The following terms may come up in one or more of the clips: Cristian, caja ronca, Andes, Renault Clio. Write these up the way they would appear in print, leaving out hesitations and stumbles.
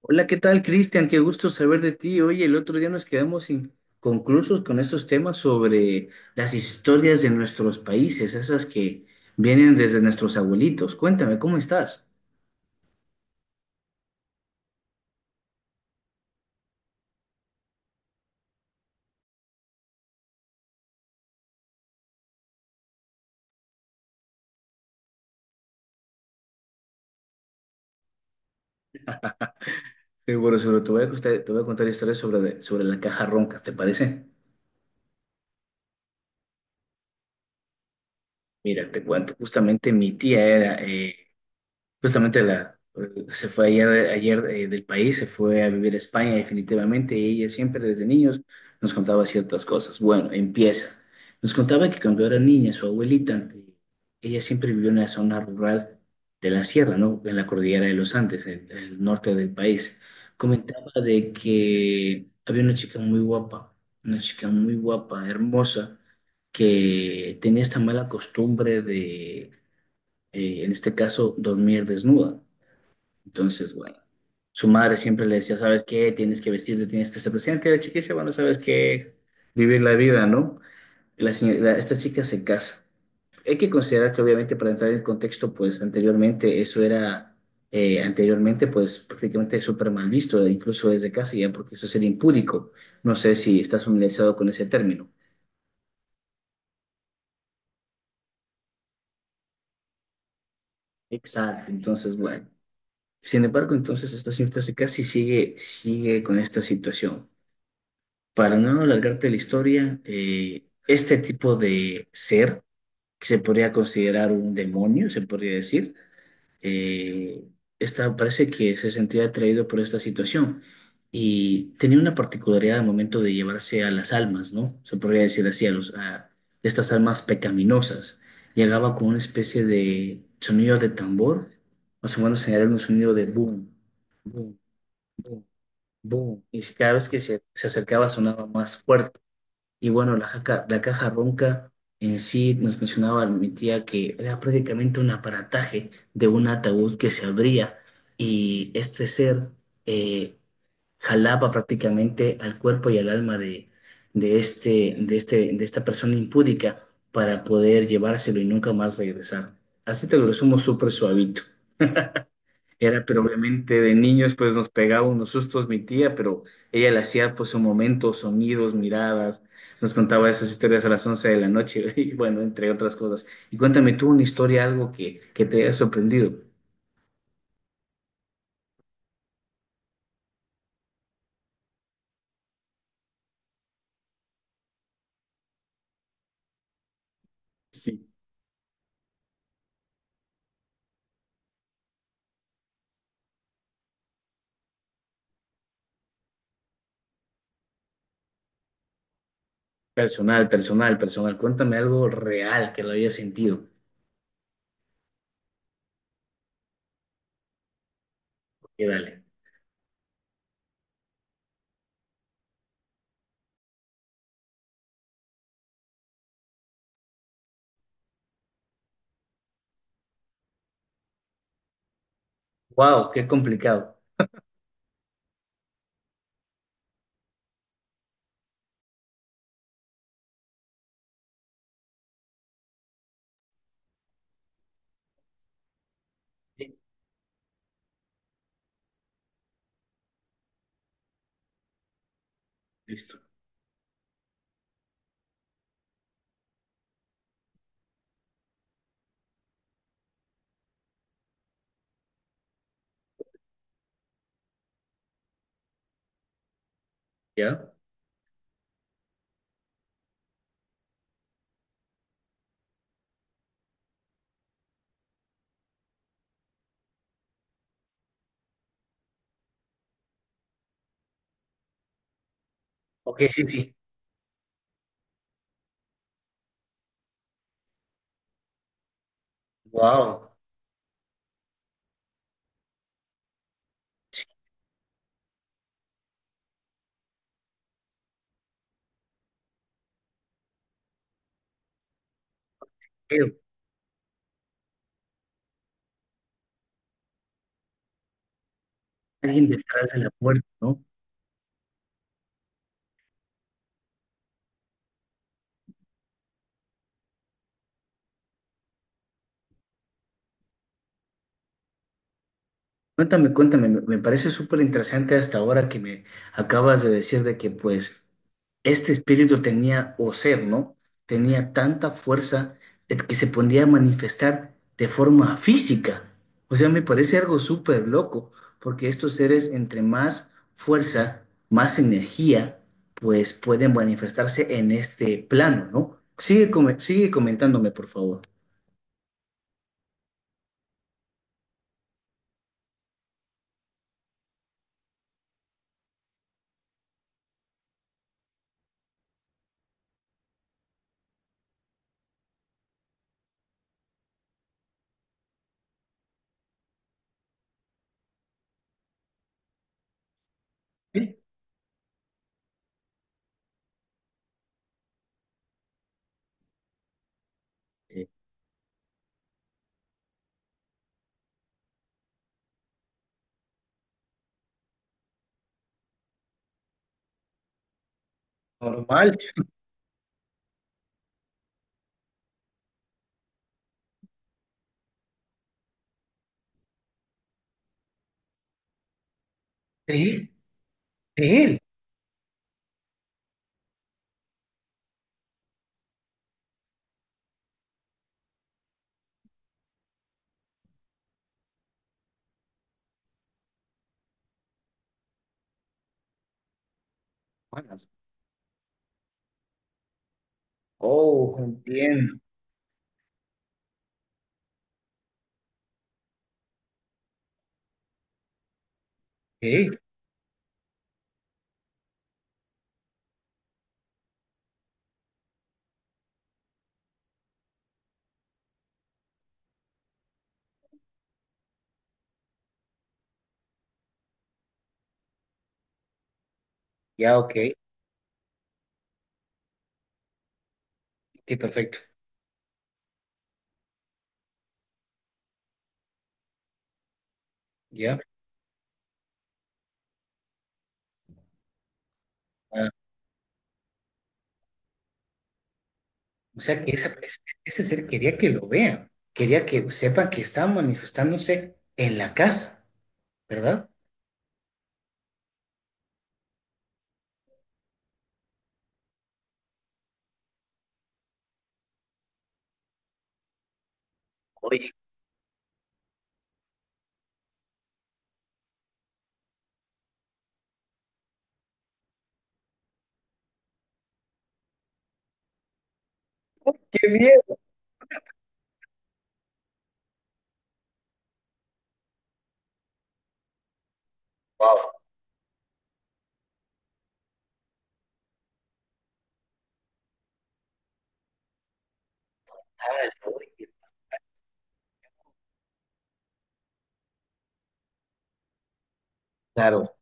Hola, ¿qué tal, Cristian? Qué gusto saber de ti. Oye, el otro día nos quedamos inconclusos con estos temas sobre las historias de nuestros países, esas que vienen desde nuestros abuelitos. Cuéntame, ¿cómo estás? Seguro, sobre Te voy a contar, te voy a contar historias sobre la caja ronca, ¿te parece? Mira, te cuento. Justamente mi tía era, Justamente la, se fue ayer del país, se fue a vivir a España definitivamente, y ella siempre desde niños nos contaba ciertas cosas. Bueno, empieza. Nos contaba que cuando era niña, su abuelita, ella siempre vivió en una zona rural de la sierra, ¿no? En la cordillera de los Andes, en el norte del país. Comentaba de que había una chica muy guapa, una chica muy guapa, hermosa, que tenía esta mala costumbre, en este caso, dormir desnuda. Entonces, bueno, su madre siempre le decía: ¿sabes qué? Tienes que vestirte, tienes que ser presente. Y la chica dice: bueno, ¿sabes qué? Vivir la vida, ¿no? Y esta chica se casa. Hay que considerar que, obviamente, para entrar en contexto, pues anteriormente pues prácticamente súper mal visto, e incluso desde casa ya, porque eso sería impúdico. No sé si estás familiarizado con ese término. Exacto, entonces bueno. Sin embargo, entonces esta señora se casa y sigue con esta situación. Para no alargarte la historia, este tipo de ser, que se podría considerar un demonio, se podría decir, eh, parece que se sentía atraído por esta situación y tenía una particularidad al momento de llevarse a las almas, ¿no? Se podría decir así, a estas almas pecaminosas. Llegaba con una especie de sonido de tambor, más o menos era un sonido de boom, boom, boom, boom, y cada vez que se acercaba sonaba más fuerte. Y bueno, la caja ronca en sí, nos mencionaba mi tía, que era prácticamente un aparataje de un ataúd que se abría y este ser, eh, jalaba prácticamente al cuerpo y al alma de esta persona impúdica para poder llevárselo y nunca más regresar. Así te lo resumo súper suavito. Era, pero obviamente de niños pues nos pegaba unos sustos mi tía, pero ella le hacía pues un momento, sonidos, miradas, nos contaba esas historias a las 11 de la noche y bueno, entre otras cosas. Y cuéntame tú una historia, algo que te haya sorprendido. Sí, personal, personal, personal. Cuéntame algo real que lo hayas sentido. Y dale. Wow, qué complicado. Sí, listo. ¿Ya? Ok, sí, sí. Wow. Alguien detrás de la puerta, ¿no? Cuéntame, cuéntame, me parece súper interesante hasta ahora que me acabas de decir de que pues este espíritu tenía, o ser, ¿no? Tenía tanta fuerza, que se podía manifestar de forma física. O sea, me parece algo súper loco, porque estos seres, entre más fuerza, más energía, pues pueden manifestarse en este plano, ¿no? Sigue, sigue comentándome, por favor. ¿Eh? Eh, Normal. De él, de él. Oh, entiendo. Ok, ya, ok. Ok, perfecto. Ya. Ah, o sea, que ese ser quería que lo vean. Quería que sepan que están manifestándose en la casa, ¿verdad? Oye, qué bien. Wow. Ah, oye, claro.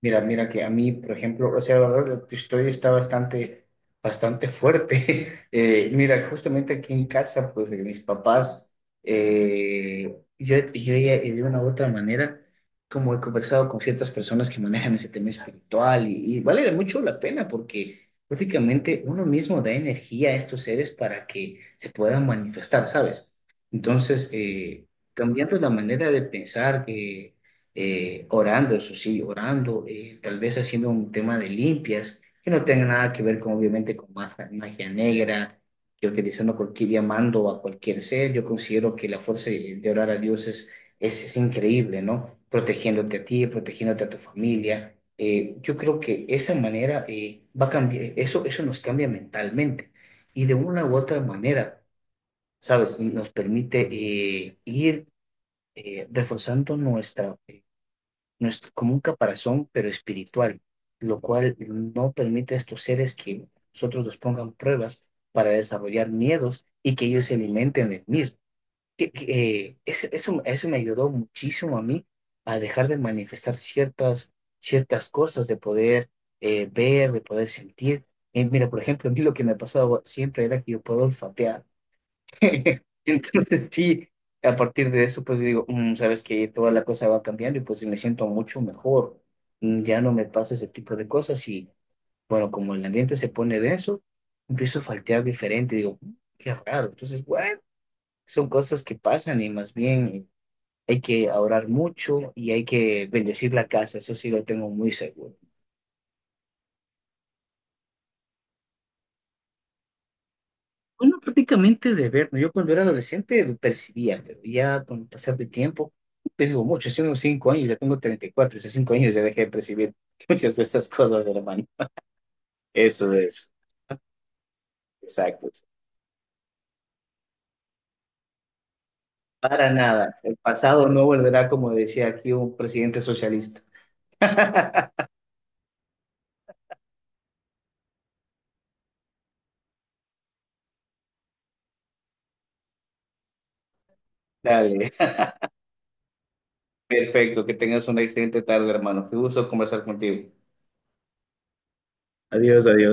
Mira, mira que a mí, por ejemplo, o sea, la verdad, tu historia está bastante fuerte. Mira, justamente aquí en casa, pues de mis papás, yo ya, de una u otra manera, como he conversado con ciertas personas que manejan ese tema espiritual, y vale mucho la pena porque prácticamente uno mismo da energía a estos seres para que se puedan manifestar, ¿sabes? Entonces, cambiando la manera de pensar, orando, eso sí, orando, tal vez haciendo un tema de limpias que no tenga nada que ver con, obviamente, con magia, magia negra, que utilizando cualquier, llamando a cualquier ser. Yo considero que la fuerza de orar a Dios es, es increíble, ¿no? Protegiéndote a ti, protegiéndote a tu familia. Yo creo que esa manera, va a cambiar, eso nos cambia mentalmente, y de una u otra manera, ¿sabes? Nos permite, ir, reforzando nuestra, como un caparazón, pero espiritual, lo cual no permite a estos seres que nosotros nos pongan pruebas para desarrollar miedos y que ellos se alimenten del mismo. Eso me ayudó muchísimo a mí a dejar de manifestar ciertas cosas, de poder, ver, de poder sentir. Mira, por ejemplo, a mí lo que me pasaba siempre era que yo puedo olfatear. Entonces sí, a partir de eso, pues digo, "Mm, sabes que toda la cosa va cambiando y pues me siento mucho mejor. Mm, ya no me pasa ese tipo de cosas y bueno, como el ambiente se pone denso, empiezo a faltear diferente. Digo, "Mm, qué raro." Entonces, bueno, son cosas que pasan, y más bien hay que orar mucho y hay que bendecir la casa. Eso sí lo tengo muy seguro. Bueno, prácticamente de ver, ¿no? Yo cuando era adolescente lo percibía, pero ya con el pasar del tiempo, te digo mucho, hace unos 5 años, ya tengo 34, hace 5 años ya dejé de percibir muchas de estas cosas, hermano. Eso es, exacto. Para nada, el pasado no volverá, como decía aquí un presidente socialista. Dale, perfecto, que tengas una excelente tarde, hermano. Qué gusto conversar contigo. Adiós, adiós.